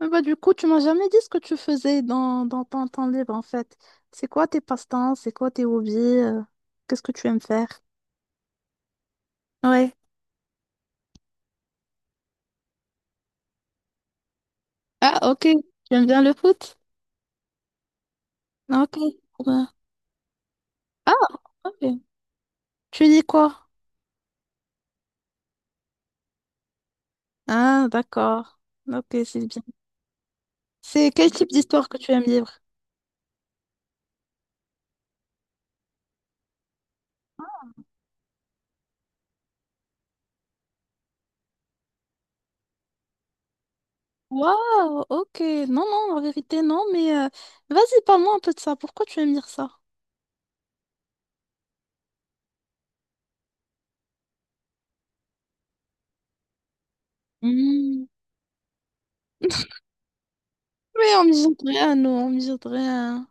Du coup, tu m'as jamais dit ce que tu faisais dans ton temps libre en fait. C'est quoi tes passe-temps? C'est quoi tes hobbies? Qu'est-ce que tu aimes faire? Ouais. Ah, ok. Tu aimes bien le foot? Ah, ok. Ouais. Ah, ok. Tu dis quoi? Ah, d'accord. Ok, c'est bien. C'est quel type d'histoire que tu aimes lire? Waouh, ok. Non, non, en vérité, non, mais vas-y, parle-moi un peu de ça. Pourquoi tu aimes lire ça? Hmm. Mais on me jette rien, nous, on me jette rien.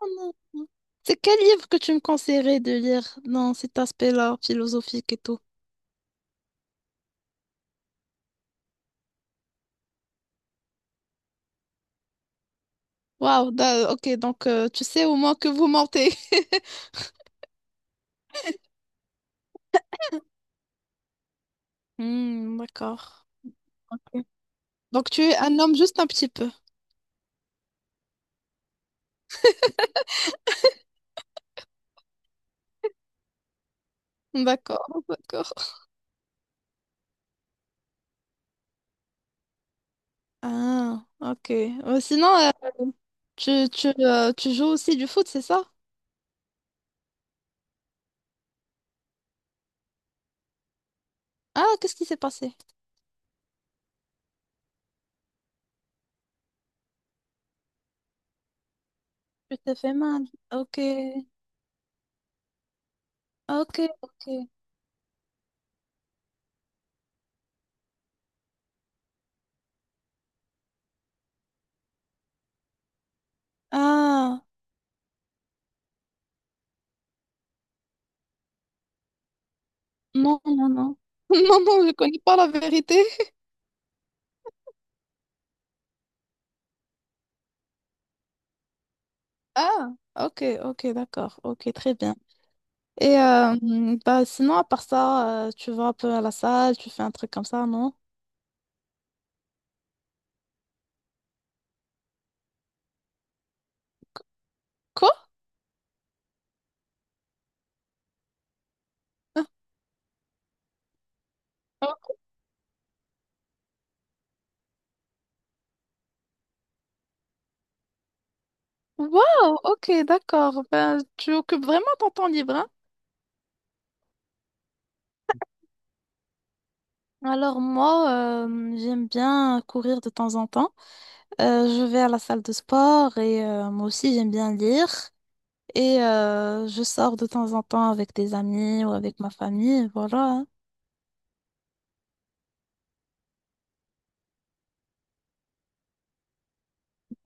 Oh non. C'est quel livre que tu me conseillerais de lire dans cet aspect-là, philosophique et tout? Waouh, ok, donc tu sais au moins que vous mentez. Hmm, d'accord. Ok. Donc tu es un homme juste un petit peu. D'accord, d'accord. Ah, ok. Sinon, tu joues aussi du foot, c'est ça? Ah, qu'est-ce qui s'est passé? Tu t'es fait mal. Ok, ok, ok. Ah, non, non, non. Non, non, je connais pas la vérité. Ah, ok, ok, d'accord, ok, très bien. Sinon, à part ça, tu vas un peu à la salle, tu fais un truc comme ça, non? Quoi? Wow, ok, d'accord. Ben, tu occupes vraiment ton temps libre, hein? Alors moi, j'aime bien courir de temps en temps. Je vais à la salle de sport et moi aussi j'aime bien lire. Et je sors de temps en temps avec des amis ou avec ma famille, voilà, hein.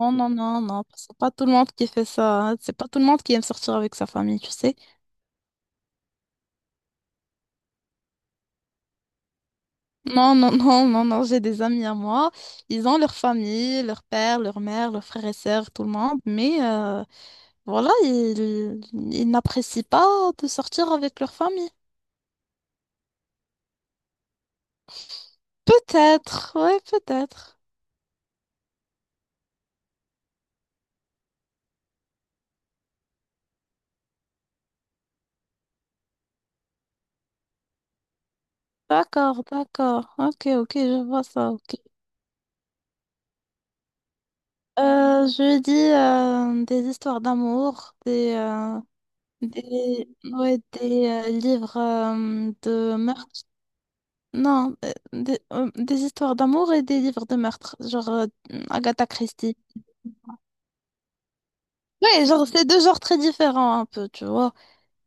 Non, non, non, non, c'est pas tout le monde qui fait ça, hein. C'est pas tout le monde qui aime sortir avec sa famille, tu sais. Non, non, non, non, non, j'ai des amis à moi. Ils ont leur famille, leur père, leur mère, leurs frères et sœurs, tout le monde. Mais voilà, ils n'apprécient pas de sortir avec leur famille. Peut-être, ouais, peut-être. D'accord, d'accord. Ok, ok, je vois ça, ok. Je dis des histoires d'amour, Des, ouais, des livres de meurtre. Non, des histoires d'amour et des livres de meurtre, genre Agatha Christie. Ouais, genre c'est deux genres très différents un peu, tu vois.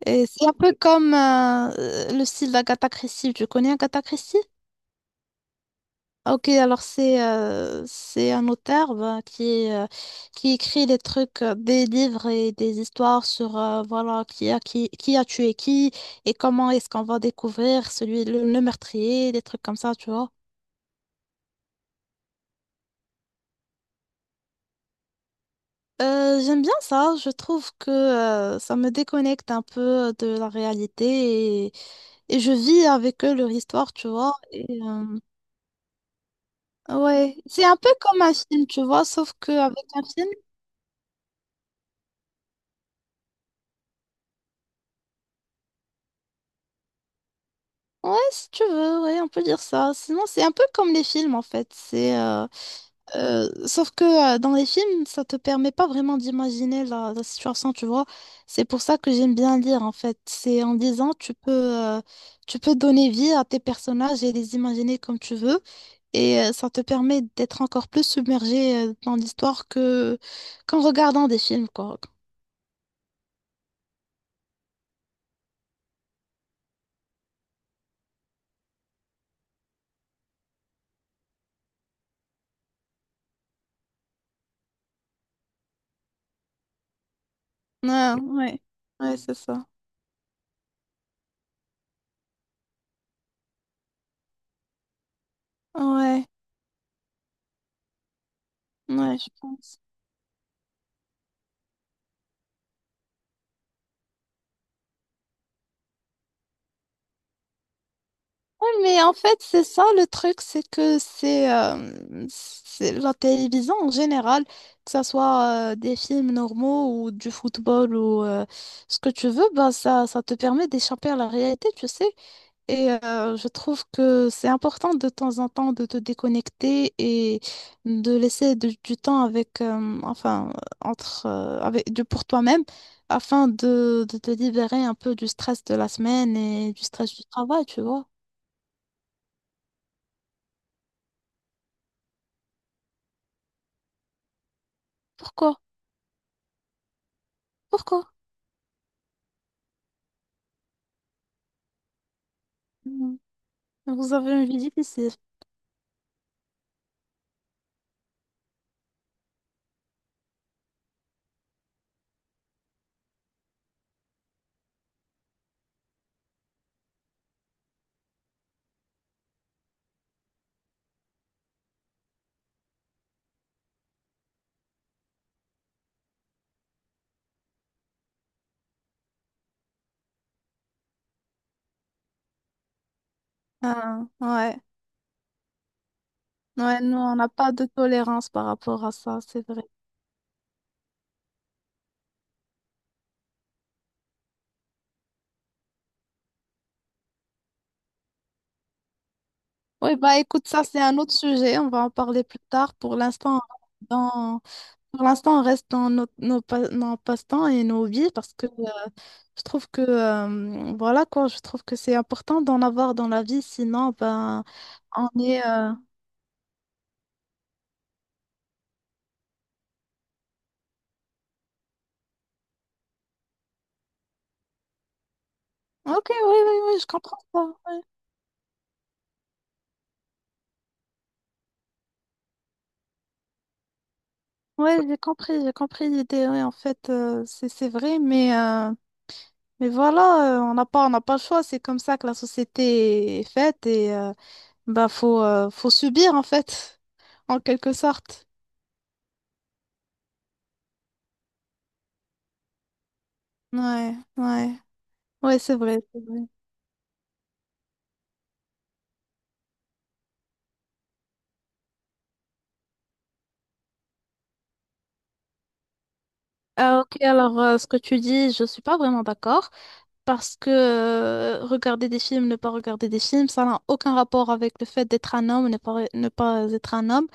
Et c'est un peu comme le style d'Agatha Christie. Tu connais Agatha Christie? Ok, alors c'est un auteur ben, qui écrit des trucs, des livres et des histoires sur voilà qui a tué qui et comment est-ce qu'on va découvrir le meurtrier, des trucs comme ça, tu vois. J'aime bien ça, je trouve que ça me déconnecte un peu de la réalité et je vis avec eux leur histoire, tu vois. Ouais, c'est un peu comme un film, tu vois, sauf qu'avec un film. Ouais, si tu veux, ouais, on peut dire ça. Sinon, c'est un peu comme les films, en fait. C'est, sauf que dans les films, ça te permet pas vraiment d'imaginer la situation, tu vois. C'est pour ça que j'aime bien lire, en fait. C'est en lisant, tu peux donner vie à tes personnages et les imaginer comme tu veux. Et ça te permet d'être encore plus submergé dans l'histoire que qu'en regardant des films, quoi. Ouais, ouais, ouais, c'est ça. Ouais, ouais, je pense. Oui, mais en fait, c'est ça le truc, c'est que c'est la télévision en général, que ce soit des films normaux ou du football ou ce que tu veux, bah, ça te permet d'échapper à la réalité, tu sais. Et je trouve que c'est important de temps en temps de te déconnecter et de du temps avec, pour toi-même afin de te libérer un peu du stress de la semaine et du stress du travail, tu vois. Pourquoi? Pourquoi? Hmm. Vous avez une vie difficile. Ah, ouais. Ouais, nous, on n'a pas de tolérance par rapport à ça, c'est vrai. Oui, bah écoute, ça, c'est un autre sujet. On va en parler plus tard. On dans... pour l'instant, on reste dans nos passe-temps et nos vies parce que je trouve que, voilà quoi, je trouve que c'est important d'en avoir dans la vie. Sinon, ben, on est. Ok, oui, oui, oui, je comprends ça. Oui, j'ai compris l'idée. Oui, en fait, c'est vrai, mais mais voilà, on n'a pas le choix. C'est comme ça que la société est faite et bah faut subir en fait, en quelque sorte. Ouais, ouais, ouais, c'est vrai, c'est vrai. Ah, ok, alors ce que tu dis, je suis pas vraiment d'accord parce que regarder des films, ne pas regarder des films, ça n'a aucun rapport avec le fait d'être un homme, ne pas être un homme.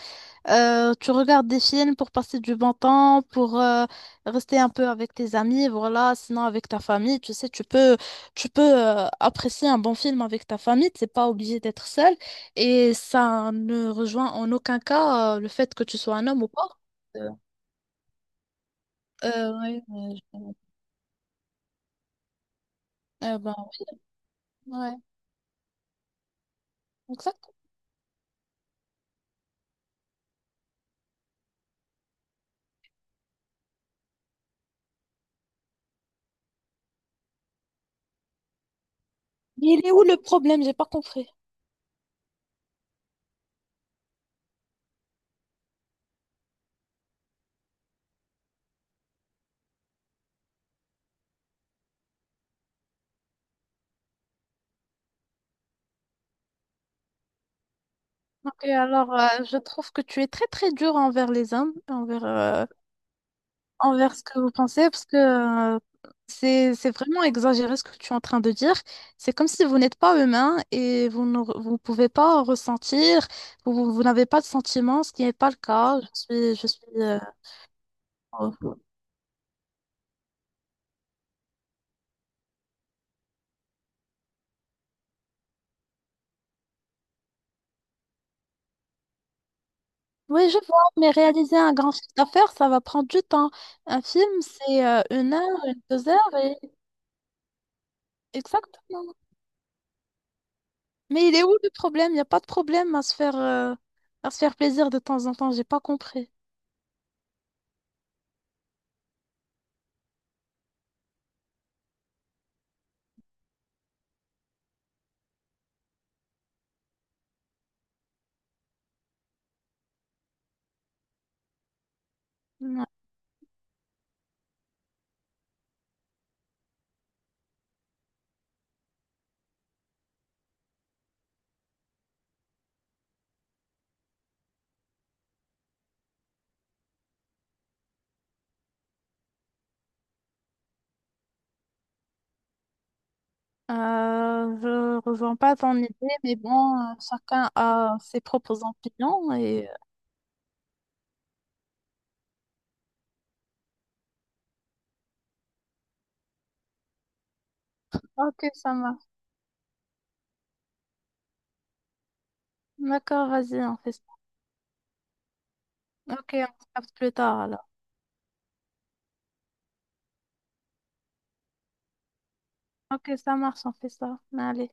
Tu regardes des films pour passer du bon temps, pour rester un peu avec tes amis, voilà. Sinon, avec ta famille, tu sais, tu peux apprécier un bon film avec ta famille. T'es pas obligé d'être seul. Et ça ne rejoint en aucun cas le fait que tu sois un homme ou pas. Euh, euh, ouais, ouais, je- euh, ben, ouais, exact. Mais il est où le problème? J'ai pas compris. Ok, alors je trouve que tu es très très dur envers les hommes, envers ce que vous pensez parce que euh, c'est vraiment exagéré ce que tu es en train de dire. C'est comme si vous n'êtes pas humain et vous ne vous pouvez pas ressentir, vous n'avez pas de sentiments, ce qui n'est pas le cas. Je suis, oh. Oui, je vois, mais réaliser un grand chiffre d'affaires, ça va prendre du temps. Un film, c'est une heure, une, deux heures, et... exactement. Mais il est où le problème? Il n'y a pas de problème à à se faire plaisir de temps en temps, j'ai pas compris. Je rejoins pas ton idée, mais bon, chacun a ses propres opinions Ok, ça marche. D'accord, vas-y, on fait ça. Ok, on se capte plus tard alors. Ok, ça marche, on fait ça. Allez,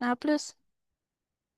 à plus.